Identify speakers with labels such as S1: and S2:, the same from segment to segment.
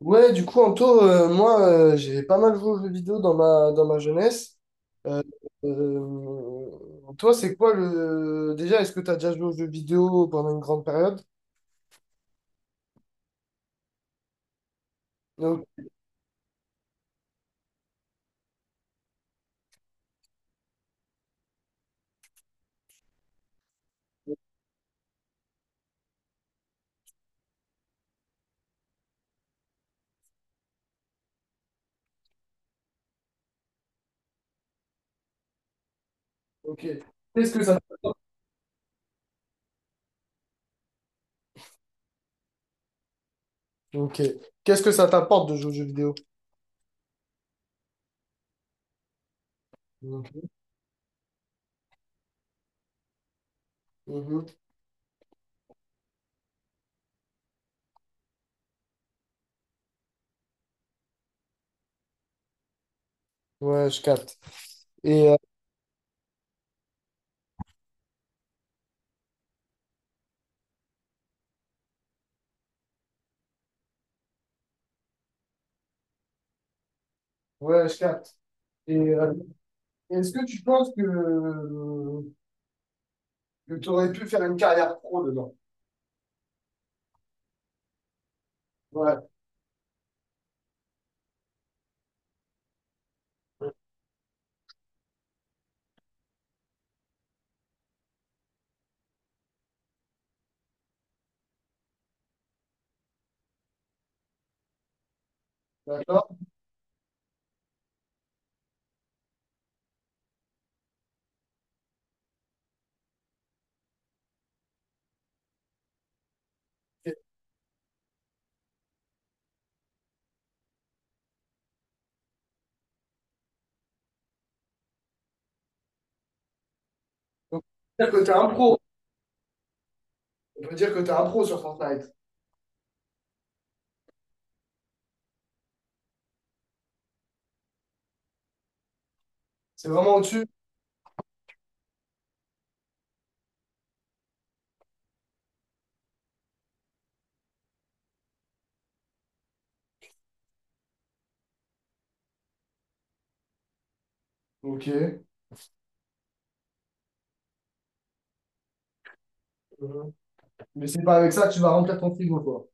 S1: Ouais, du coup, Anto, moi, j'ai pas mal joué aux jeux vidéo dans ma jeunesse. Euh, euh, Toi, Déjà, est-ce que tu as déjà joué aux jeux vidéo pendant une grande période? Non. Ok. Qu'est-ce que ça... Ok. Qu'est-ce que ça t'apporte de jouer aux jeux vidéo? Mhm. Mhm. Ouais, je capte. Et, ouais, je capte. Et est-ce que tu penses que tu aurais pu faire une carrière pro dedans? Ouais. D'accord. Ok. Donc, c'est-à-dire que t'es un pro. On peut dire que tu es un pro sur Fortnite. C'est vraiment au-dessus. Ok. Mm-hmm. Mais c'est pas avec ça que tu vas remplir ton frigo, quoi.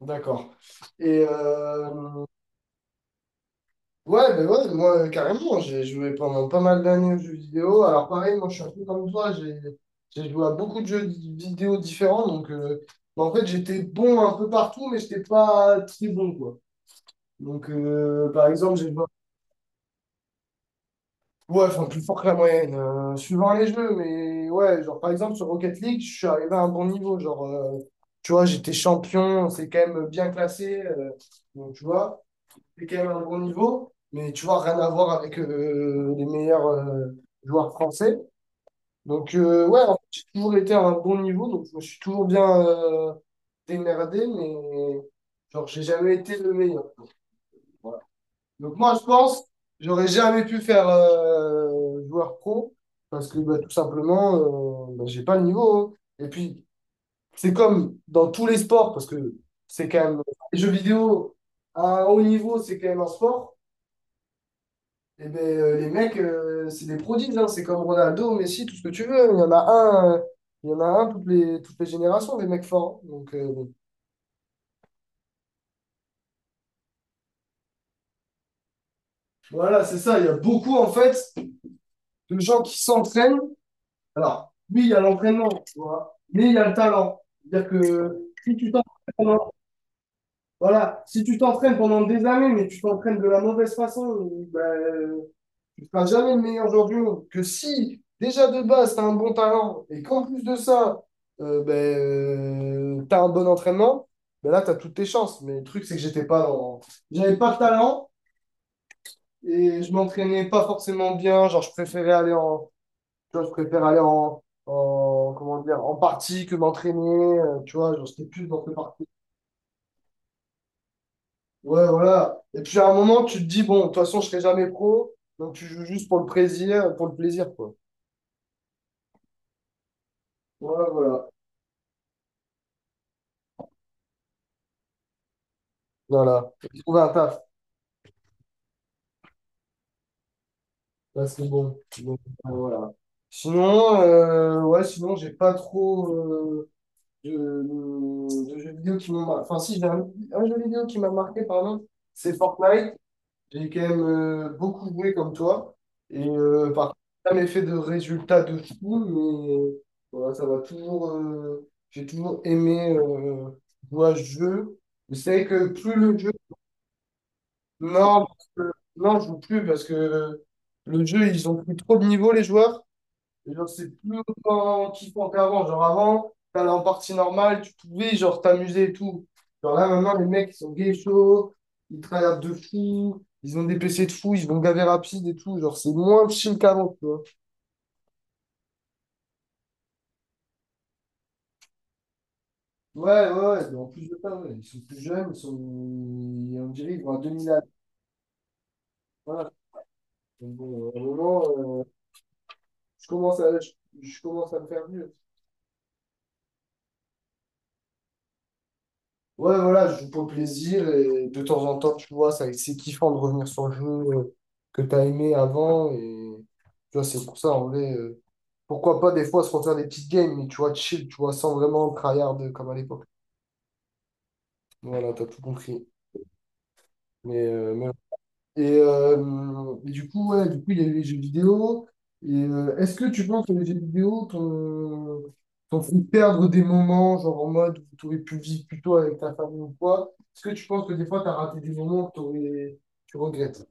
S1: D'accord. Et ouais, ben ouais, moi, carrément, j'ai joué pendant pas mal d'années aux jeux vidéo. Alors, pareil, moi, je suis un peu comme toi, j'ai joué à beaucoup de jeux vidéo différents. Donc, bah, en fait, j'étais bon un peu partout, mais j'étais pas très bon, quoi. Donc, par exemple, j'ai joué. Ouais, enfin, plus fort que la moyenne, suivant les jeux, mais ouais, genre par exemple sur Rocket League, je suis arrivé à un bon niveau, genre, tu vois, j'étais champion, c'est quand même bien classé, donc tu vois, c'est quand même un bon niveau, mais tu vois, rien à voir avec les meilleurs joueurs français. Donc ouais, en fait, j'ai toujours été à un bon niveau, donc je me suis toujours bien démerdé, mais genre, j'ai jamais été le meilleur. Donc moi, je pense, j'aurais jamais pu faire joueur pro parce que bah, tout simplement, bah, j'ai pas le niveau. Hein. Et puis, c'est comme dans tous les sports, parce que c'est quand même, enfin, les jeux vidéo à un haut niveau, c'est quand même un sport. Et ben les mecs, c'est des prodiges. Hein. C'est comme Ronaldo, Messi, tout ce que tu veux. Hein. Il y en a un, il y en a un toutes les générations, des mecs forts. Hein. Donc bon. Voilà, c'est ça. Il y a beaucoup en fait de gens qui s'entraînent. Alors, oui, il y a l'entraînement, tu vois, mais il y a le talent. C'est-à-dire que si tu t'entraînes pendant, voilà, si tu t'entraînes pendant des années, mais tu t'entraînes de la mauvaise façon, ben, tu ne seras jamais le meilleur joueur du monde. Que si, déjà de base, tu as un bon talent et qu'en plus de ça, ben, tu as un bon entraînement, ben là, tu as toutes tes chances. Mais le truc, c'est que j'étais pas dans. J'avais pas de talent et je m'entraînais pas forcément bien. Genre, je préférais aller en, tu vois, je préfère aller en, comment dire, en partie que m'entraîner. Tu vois, genre, c'était plus dans le parti. Ouais, voilà. Et puis à un moment, tu te dis, bon, de toute façon, je serai jamais pro. Donc tu joues juste pour le plaisir, quoi. Voilà, voilà. Voilà. J'ai trouvé un taf. Là, c'est bon. Donc, voilà. Sinon, ouais, sinon, j'ai pas trop de, de jeux vidéo qui m'ont marqué. Enfin, si, j'ai un jeu vidéo qui m'a marqué, pardon. C'est Fortnite. J'ai quand même beaucoup joué comme toi. Et par contre, j'ai jamais fait de résultats de fou, mais voilà, ça va toujours. J'ai toujours aimé jouer à ce jeu. Je sais que plus le jeu. Non, non, je joue plus parce que le jeu, ils ont pris trop de niveau, les joueurs. Et genre, c'est plus autant kiffant qu'avant. Genre, avant, t'allais en partie normale, tu pouvais, genre, t'amuser et tout. Genre, là, maintenant, les mecs, ils sont gay chauds, ils travaillent de fou, ils ont des PC de fou, ils vont gaver rapide et tout. Genre, c'est moins chill qu'avant, tu vois. Ouais, ouais, ouais. Mais en plus de ça, ouais, ils sont plus jeunes, on dirait qu'ils vont à 2000 à l'heure. Voilà. Donc, bon, à un moment, euh, je commence à... je je commence à me faire vieux. Ouais, voilà, je joue pour le plaisir et de temps en temps, tu vois, ça, c'est kiffant de revenir sur le jeu que tu as aimé avant. Et tu vois, c'est pour ça, en vrai, pourquoi pas des fois se refaire des petites games, mais tu vois, chill, tu vois, sans vraiment tryhard comme à l'époque. Voilà, t'as tout compris. Mais et du coup, ouais, du coup, il y a les jeux vidéo. Et est-ce que tu penses que les jeux vidéo t'ont fait perdre des moments, genre en mode où tu aurais pu vivre plutôt avec ta famille ou quoi? Est-ce que tu penses que des fois, tu as raté des moments que tu regrettes?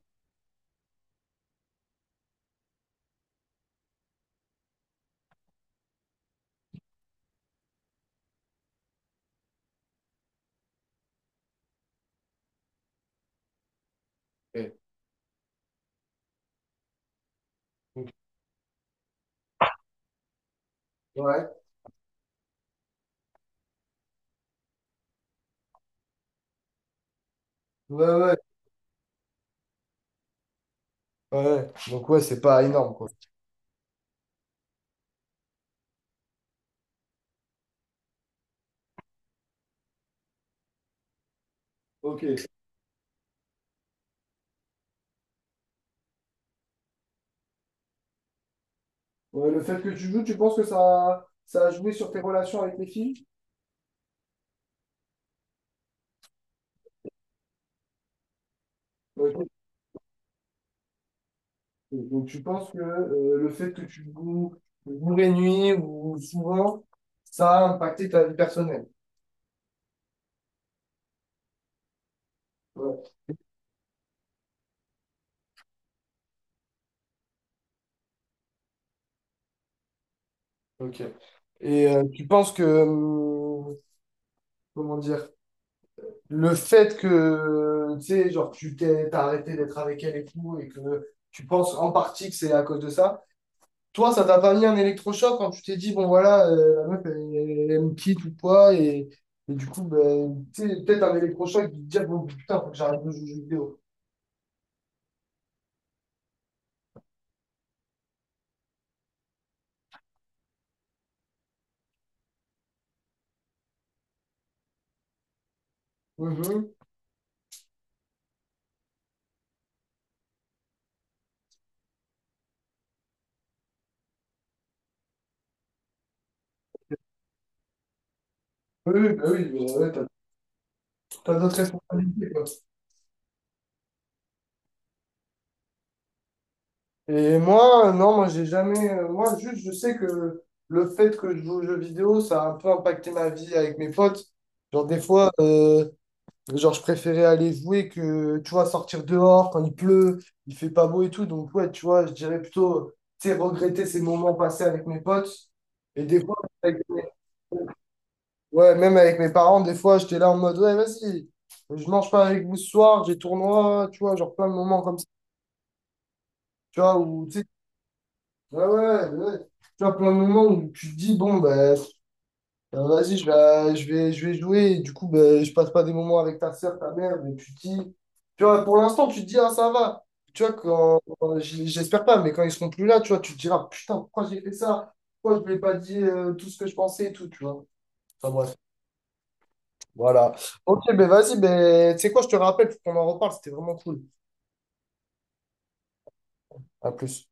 S1: Ouais, ok. Ouais, ouais. Ouais. Ouais. Donc, ouais, c'est pas énorme, quoi. Ok. Ouais, le fait que tu joues, tu penses que ça a joué sur tes relations avec les filles? Ok. Donc tu penses que le fait que tu joues jour et nuit ou souvent, ça a impacté ta vie personnelle. Ouais, ok. Et tu penses que, comment dire, le fait que, tu sais, genre, t'as arrêté d'être avec elle et tout, et que tu penses en partie que c'est à cause de ça, toi, ça t'a pas mis un électrochoc quand tu t'es dit, bon, voilà, la meuf, elle, elle me quitte ou quoi, et du coup, ben, tu sais, peut-être un électrochoc de te dire, bon, putain, faut que j'arrête de jouer aux jeux vidéo. Oui, oui, bah oui, ouais, t'as d'autres responsabilités, quoi. Et moi, non, moi, j'ai jamais. Moi, juste, je sais que le fait que je joue aux jeux vidéo, ça a un peu impacté ma vie avec mes potes. Genre, des fois, genre, je préférais aller jouer que, tu vois, sortir dehors quand il pleut, il fait pas beau et tout. Donc, ouais, tu vois, je dirais plutôt, tu sais, regretter ces moments passés avec mes potes. Et des fois, avec mes- ouais, même avec mes parents, des fois, j'étais là en mode, ouais, vas-y, je mange pas avec vous ce soir, j'ai tournoi, tu vois, genre plein de moments comme ça. Tu vois, où tu sais, ouais, ouais, ouais. Tu vois, plein de moments où tu te dis, bon, ben, vas-y, je vais jouer, et du coup, ben, je passe pas des moments avec ta soeur, ta mère, mais tu te dis, tu vois, pour l'instant, tu te dis, ah, ça va. Tu vois, j'espère pas, mais quand ils seront plus là, tu vois, tu te diras, putain, pourquoi j'ai fait ça? Pourquoi je ne lui ai pas dit tout ce que je pensais et tout, tu vois. Enfin, bref, voilà. Ok, ben, vas-y, ben, tu sais quoi, je te rappelle, faut qu'on en reparle, c'était vraiment cool. À plus.